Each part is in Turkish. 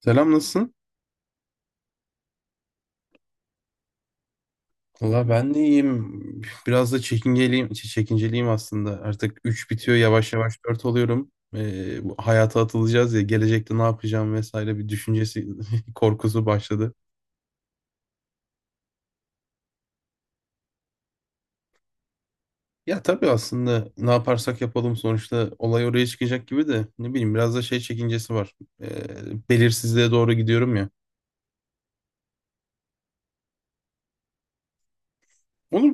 Selam, nasılsın? Valla ben de iyiyim. Biraz da çekinceliyim, çekinceliyim aslında. Artık 3 bitiyor, yavaş yavaş 4 oluyorum. Bu hayata atılacağız ya, gelecekte ne yapacağım vesaire bir düşüncesi korkusu başladı. Ya tabii, aslında ne yaparsak yapalım sonuçta olay oraya çıkacak gibi de, ne bileyim, biraz da şey çekincesi var. Ee, Belirsizliğe doğru gidiyorum ya. Olur.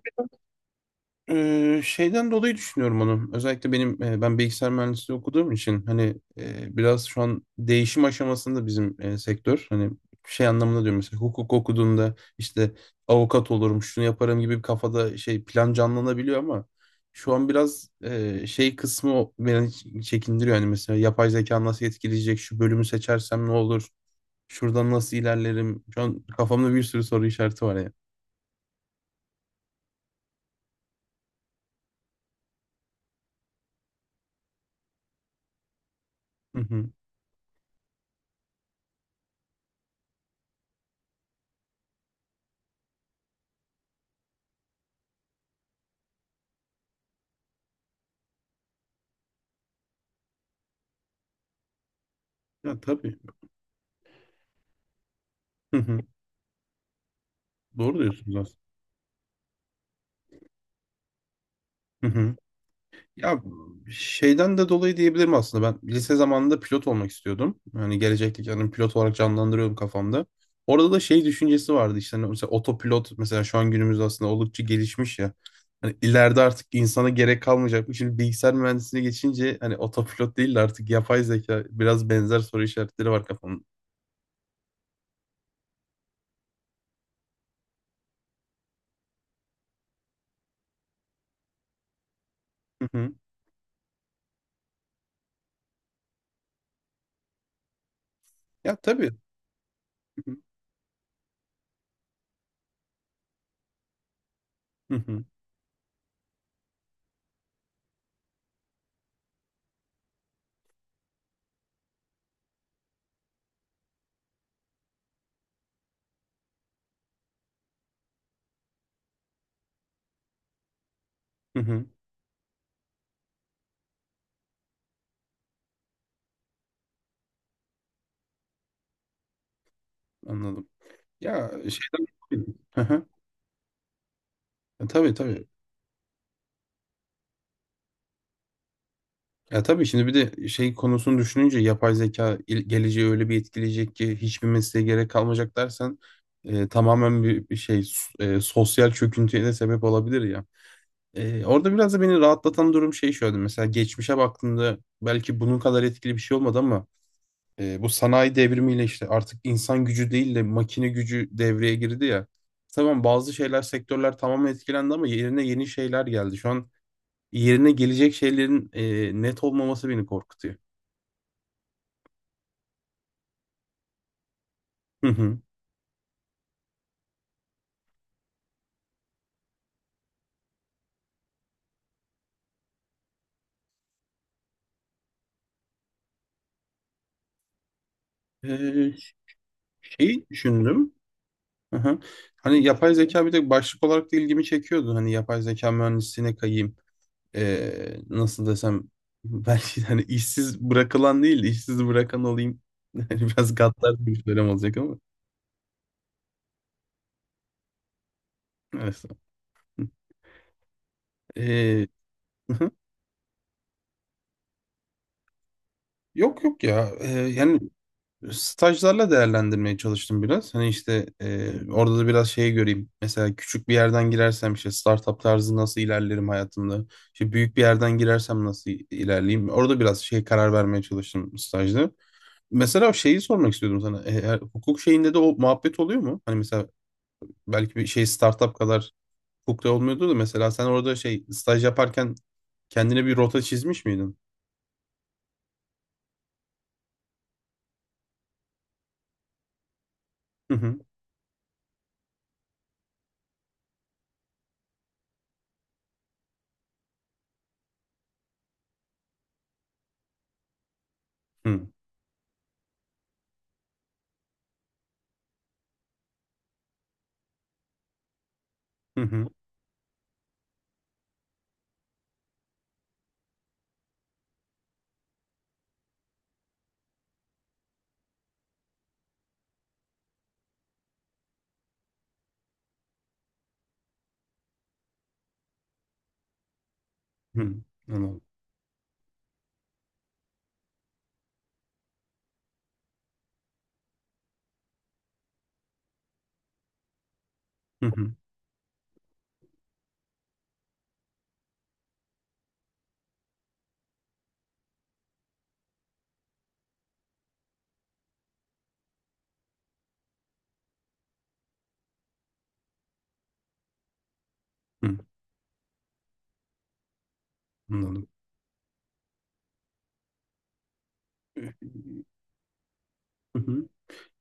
Şeyden dolayı düşünüyorum onu. Özellikle ben bilgisayar mühendisliği okuduğum için hani biraz şu an değişim aşamasında bizim sektör. Hani şey anlamında diyorum, mesela hukuk okuduğunda işte avukat olurum, şunu yaparım gibi bir kafada şey plan canlanabiliyor, ama şu an biraz şey kısmı beni çekindiriyor. Hani mesela yapay zeka nasıl etkileyecek, şu bölümü seçersem ne olur, şuradan nasıl ilerlerim. Şu an kafamda bir sürü soru işareti var ya. Hı hı. Ya tabii. Hı hı. Doğru diyorsunuz aslında. Hı hı. Ya şeyden de dolayı diyebilirim, aslında ben lise zamanında pilot olmak istiyordum. Hani gelecekte kendimi pilot olarak canlandırıyordum kafamda. Orada da şey düşüncesi vardı işte, hani mesela otopilot, mesela şu an günümüzde aslında oldukça gelişmiş ya. Hani ileride artık insana gerek mı? Şimdi bilgisayar mühendisliğine geçince hani otopilot değil de artık yapay zeka, biraz benzer soru işaretleri var kafamda. Hı hı. Ya tabii. Hı hı. Hı hı. Hı hı. Anladım. Ya şeyden... Hı hı. Ya, tabii tabii. Ya tabii, şimdi bir de şey konusunu düşününce, yapay zeka geleceği öyle bir etkileyecek ki hiçbir mesleğe gerek kalmayacak dersen, tamamen bir şey sosyal çöküntüye de sebep olabilir ya. Orada biraz da beni rahatlatan durum şey şöyle, mesela geçmişe baktığında belki bunun kadar etkili bir şey olmadı, ama bu sanayi devrimiyle işte artık insan gücü değil de makine gücü devreye girdi ya. İşte tamam, bazı şeyler, sektörler tamamen etkilendi ama yerine yeni şeyler geldi. Şu an yerine gelecek şeylerin net olmaması beni korkutuyor. Hı hı. Ee, Şeyi düşündüm. Hı hı. Hani yapay zeka bir de başlık olarak da ilgimi çekiyordu. Hani yapay zeka mühendisliğine kayayım. Nasıl desem belki de hani işsiz bırakılan değil de işsiz bırakan olayım. Yani biraz gaddar bir söylem olacak ama. Neyse. Ee, hı hı. Yok yok ya. Yani, stajlarla değerlendirmeye çalıştım biraz. Hani işte orada da biraz şeyi göreyim. Mesela küçük bir yerden girersem işte startup tarzı nasıl ilerlerim hayatımda? İşte büyük bir yerden girersem nasıl ilerleyeyim? Orada biraz şey karar vermeye çalıştım stajda. Mesela o şeyi sormak istiyordum sana. Hukuk şeyinde de o muhabbet oluyor mu? Hani mesela belki bir şey startup kadar hukukta olmuyordu da, mesela sen orada şey staj yaparken kendine bir rota çizmiş miydin? Hı hı, hı hı, hı hı. Anladım. Hı hı, hı. Anladım.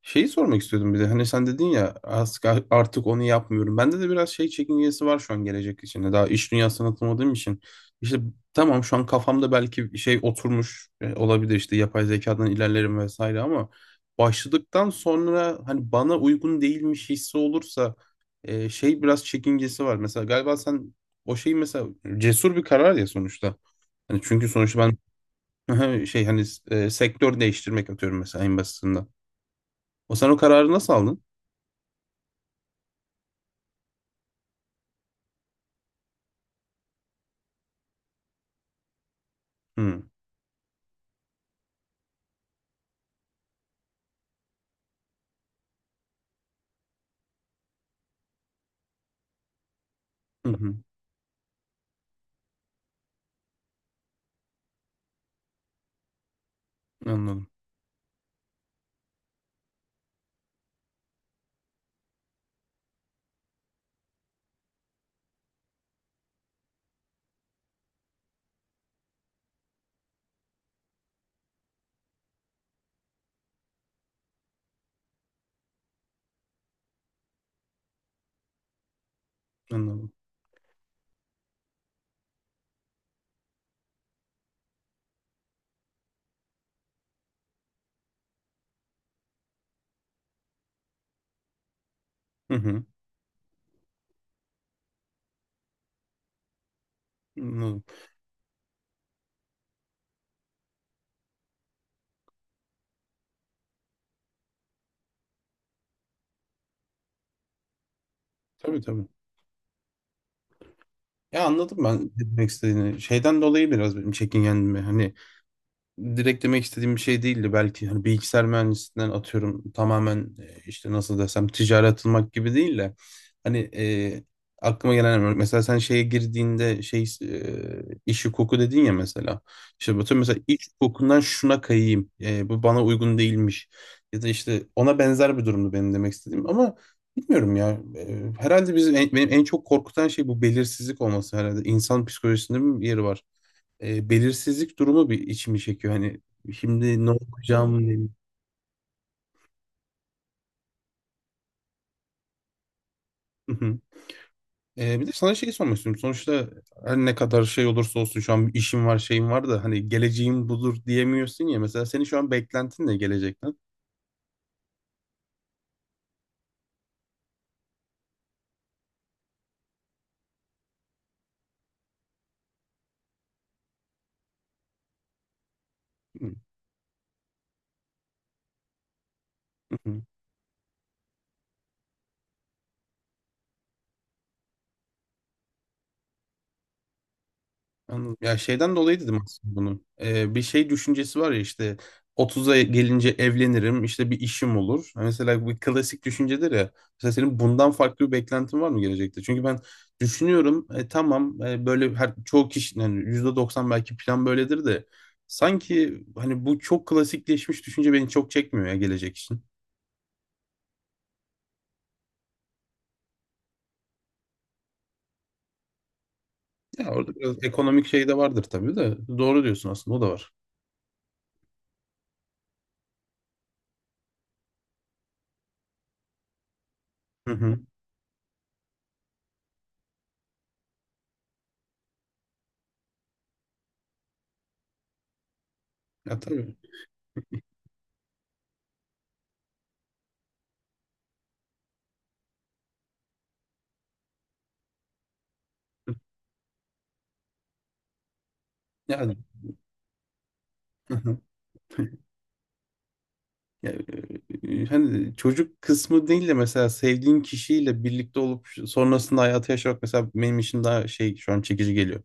Şeyi sormak istiyordum bir de. Hani sen dedin ya, artık onu yapmıyorum. Bende de biraz şey çekingesi var şu an gelecek için. Hani daha iş dünyasına atılmadığım için. İşte tamam, şu an kafamda belki şey oturmuş olabilir, işte yapay zekadan ilerlerim vesaire, ama başladıktan sonra hani bana uygun değilmiş hissi olursa şey biraz çekingesi var. Mesela galiba sen o şey, mesela cesur bir karar ya sonuçta. Hani çünkü sonuçta ben şey, hani sektör değiştirmek, atıyorum mesela, en basitinden. O, sen o kararı nasıl aldın? Hı. Hı hı. Anladım. Anladım. Hı hı. Anladım. Tabii tabii. Ya, anladım ben ne demek istediğini. Şeyden dolayı biraz benim çekingendim. Hani direkt demek istediğim bir şey değildi belki. Hani bilgisayar mühendisliğinden atıyorum tamamen işte, nasıl desem, ticarete atılmak gibi değil de, hani aklıma gelen örnek, mesela sen şeye girdiğinde şey iş hukuku dedin ya, mesela işte bütün, mesela iş hukukundan şuna kayayım bu bana uygun değilmiş, ya da işte ona benzer bir durumdu benim demek istediğim. Ama bilmiyorum ya. Herhalde benim en çok korkutan şey bu belirsizlik olması herhalde. İnsan psikolojisinde bir yeri var belirsizlik durumu bir içimi çekiyor. Hani şimdi ne okuyacağım, Hı hı. Bir de sana şey sormak istiyorum. Sonuçta her ne kadar şey olursa olsun, şu an işim var, şeyim var da, hani geleceğim budur diyemiyorsun ya. Mesela senin şu an beklentin ne gelecekten? Hı hı. Anladım. Ya şeyden dolayı dedim aslında bunu. Bir şey düşüncesi var ya, işte 30'a gelince evlenirim, işte bir işim olur. Ha, mesela bu klasik düşüncedir ya. Mesela senin bundan farklı bir beklentin var mı gelecekte? Çünkü ben düşünüyorum, tamam, böyle her, çoğu kişi yani, %90 belki plan böyledir de, sanki hani bu çok klasikleşmiş düşünce beni çok çekmiyor ya gelecek için. Ya orada biraz ekonomik şey de vardır tabii de, doğru diyorsun aslında, o da var. Hı hı. Ya tabii. Yani. Ya, hani çocuk kısmı değil de, mesela sevdiğin kişiyle birlikte olup sonrasında hayatı yaşamak mesela benim için daha şey, şu an çekici geliyor.